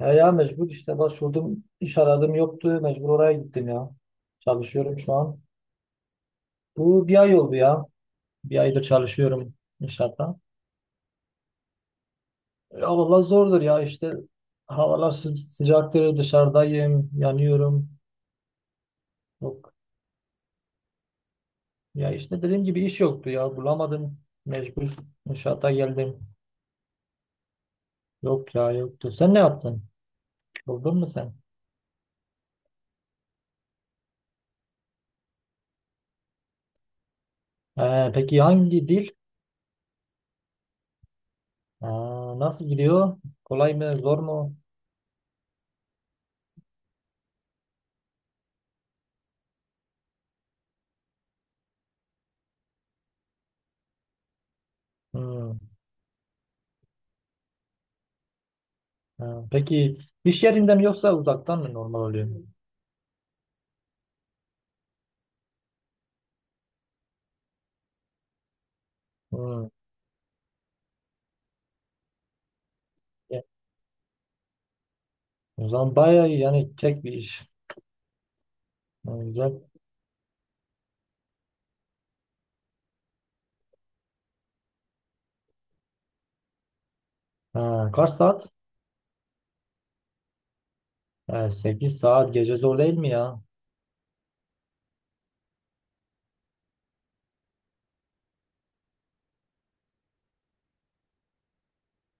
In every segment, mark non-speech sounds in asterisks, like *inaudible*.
Ya, ya mecbur işte başvurdum. İş aradım, yoktu. Mecbur oraya gittim ya. Çalışıyorum şu an. Bu bir ay oldu ya. Bir aydır çalışıyorum inşaatta. Ya valla zordur ya işte. Havalar sıcaktır. Dışarıdayım. Yanıyorum. Yok. Ya işte dediğim gibi iş yoktu ya. Bulamadım. Mecbur inşaata geldim. Yok ya, yoktu. Sen ne yaptın? Buldun mu sen? Peki hangi dil? Aa, nasıl gidiyor? Kolay mı? Zor mu? Hmm. Ha, peki iş yerinde mi yoksa uzaktan mı normal oluyor? Hmm. e, O zaman bayağı iyi, yani tek bir iş. Ha, güzel. Ha, kaç saat? Ha, 8 saat gece zor değil mi ya?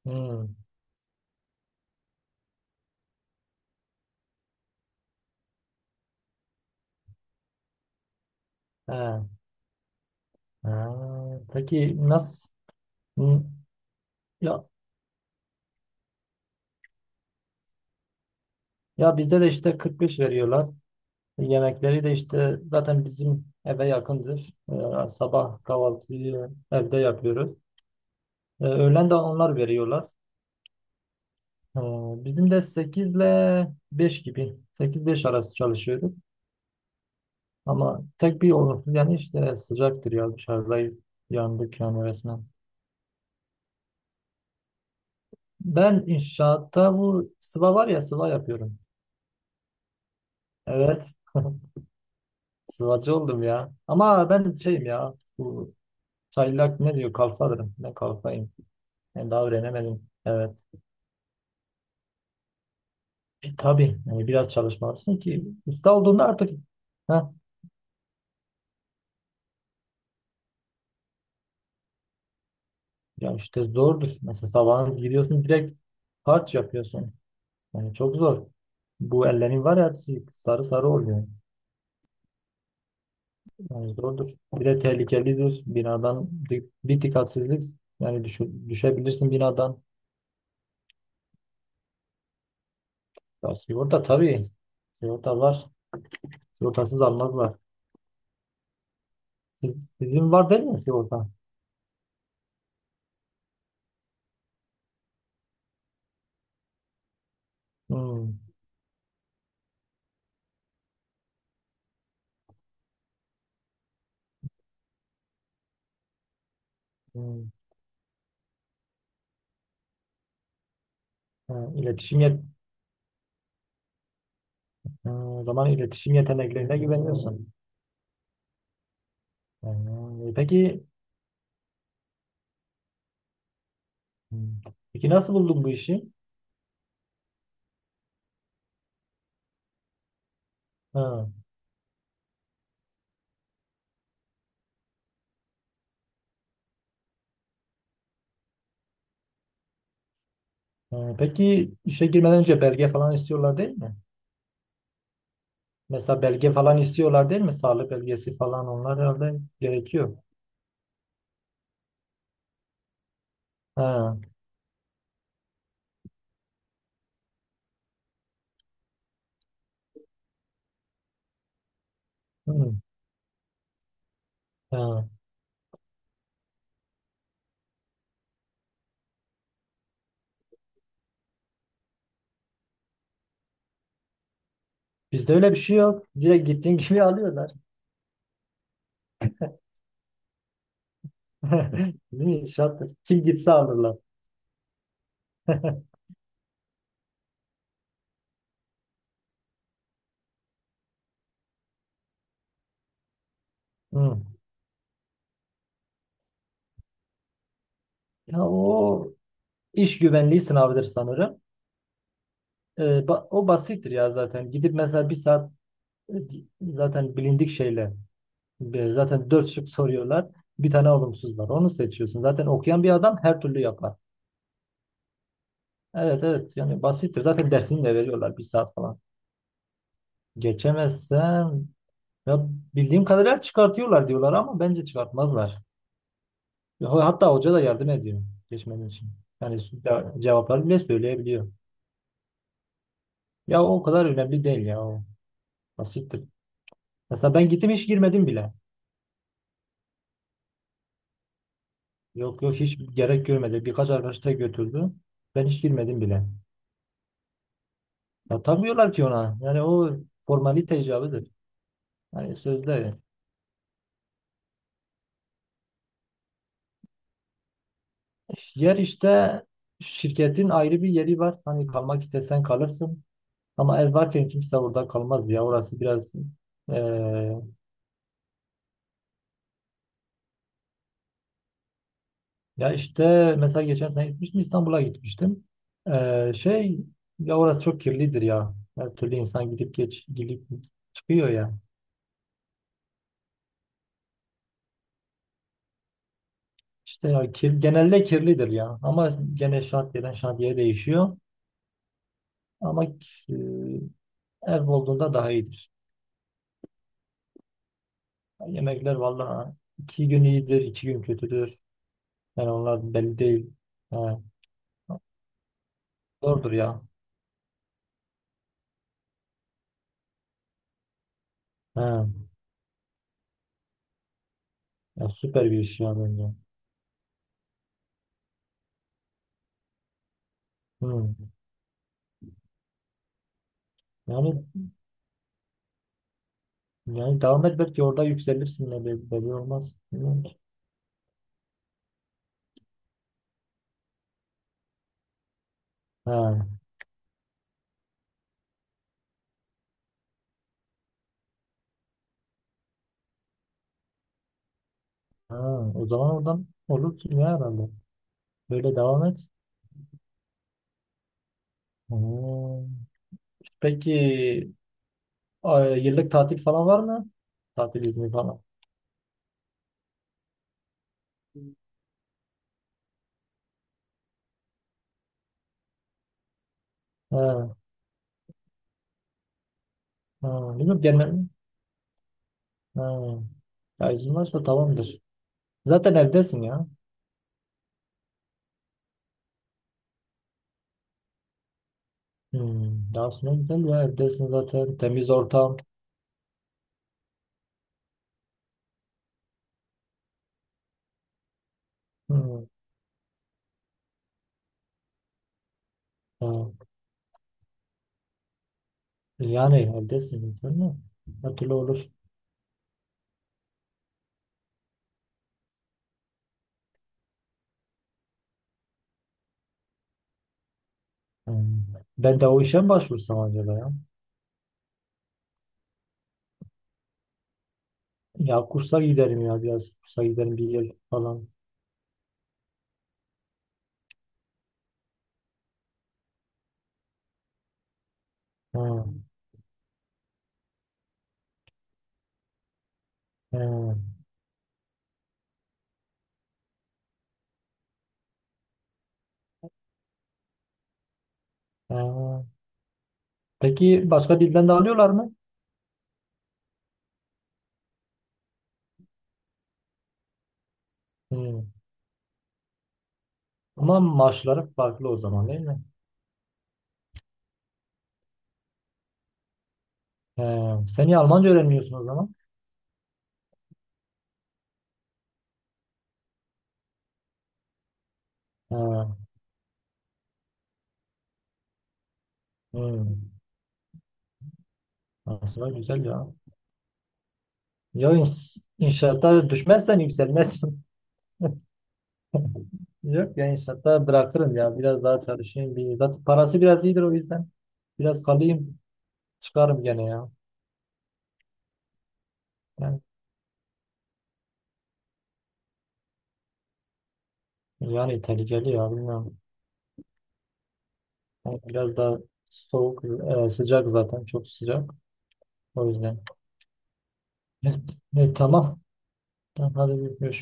Hmm. Ha, ha. Peki nasıl? Hmm, ya, ya bizde de işte 45 veriyorlar. Yemekleri de işte zaten bizim eve yakındır. Sabah kahvaltıyı evde yapıyoruz. Öğlen de onlar veriyorlar. Ee, Bizim de 8 ile 5 gibi. Sekiz beş arası çalışıyorduk. Ama tek bir olumsuz, yani işte sıcaktır ya, dışarıdayız. Yandık yani resmen. Ben inşaatta bu sıva var ya, sıva yapıyorum. Evet. *laughs* Sıvacı oldum ya. Ama ben şeyim ya. Bu çaylak ne diyor kalfalarım. Ne kalfayım. Ben daha öğrenemedim. Evet. E, tabii yani biraz çalışmalısın ki usta olduğunda artık… Heh, ya işte zordur. Mesela sabahın giriyorsun, direkt harç yapıyorsun. Yani çok zor. Bu ellerin var ya, hepsi sarı sarı oluyor. Yani zordur. Bir de tehlikelidir. Binadan bir dikkatsizlik yani düşebilirsin binadan. Ya sigorta tabii. Sigorta var. Sigortasız almazlar. Siz, sizin var değil mi sigorta? Hmm. Hmm. Ha, iletişim yet Hmm, o zaman iletişim yeteneklerine güveniyorsun. Hmm. Peki hmm, peki nasıl buldun bu işi? Ha. Ha, peki işe girmeden önce belge falan istiyorlar değil mi? Mesela belge falan istiyorlar değil mi? Sağlık belgesi falan onlar herhalde gerekiyor. Ha. Hı, ha. Bizde öyle bir şey yok. Direkt gittiğin gibi *laughs* alıyorlar. *laughs* Değil mi? Şarttır. Kim gitse alırlar. Hı. Ya o iş güvenliği sınavıdır sanırım. Ee, O basittir ya zaten. Gidip mesela bir saat, e, zaten bilindik şeyle, zaten dört şık soruyorlar. Bir tane olumsuz var. Onu seçiyorsun. Zaten okuyan bir adam her türlü yapar. Evet, evet, yani basittir. Zaten dersini de veriyorlar bir saat falan. Geçemezsem ya, bildiğim kadarıyla çıkartıyorlar diyorlar ama bence çıkartmazlar. Ya hatta hoca da yardım ediyor geçmenin için. Yani cevapları bile söyleyebiliyor. Ya o kadar önemli değil ya, o basittir. Mesela ben gittim, hiç girmedim bile. Yok yok, hiç gerek görmedi. Birkaç arkadaş da götürdü. Ben hiç girmedim bile. Ya takmıyorlar ki ona. Yani o formalite icabıdır. Yani sözde yer işte şirketin ayrı bir yeri var. Hani kalmak istesen kalırsın. Ama ev varken kimse orada kalmaz ya. Orası biraz… eee, ya işte mesela geçen sene gitmiştim, İstanbul'a gitmiştim. Eee, şey Ya orası çok kirlidir ya. Her türlü insan gidip geç gidip çıkıyor ya. İşte ya kir, genelde kirlidir ya. Ama gene şantiyeden şantiyeye değişiyor. Ama eee, ev olduğunda daha iyidir. Yemekler vallahi iki gün iyidir, iki gün kötüdür. Yani onlar belli değil. He, zordur ya. He. Ya süper bir iş ya bence. Hmm. Yani Yani devam et, belki orada yükselirsin de, belki belli olmaz. Bilmiyorum ki. Ha. Ha. O zaman oradan olur ki ya herhalde. Böyle devam et. Hmm. Peki yıllık tatil falan var mı? Tatil izni falan. Ha. Ha. Bilmiyorum gelme. Ha. Ya izin varsa tamamdır. Zaten evdesin ya. Hmm. Daha sonra güzel ya, evdesin zaten. Temiz ortam. Hmm. Ha. Yani evdesin. Sen ne? Her türlü olur. Hmm. Ben de o işe mi başvursam acaba ya? Ya kursa giderim ya, biraz kursa giderim bir yıl falan. Hmm. Hmm. Hmm. Peki başka dilden de alıyorlar mı? Hmm. Ama maaşları farklı o zaman değil mi? Hmm. Sen niye Almanca öğrenmiyorsun o zaman? Hmm. Hmm. Aslında güzel ya. Ya inşaata düşmezsen yükselmezsin. *laughs* Yok ya, inşaatta bırakırım ya. Biraz daha çalışayım. Bir, zaten parası biraz iyidir o yüzden. Biraz kalayım. Çıkarım gene ya. Yani… Yani İtalya geliyor, bilmiyorum. O biraz daha soğuk, sıcak zaten çok sıcak. O yüzden. Evet, evet, tamam. Tamam, hadi görüşürüz.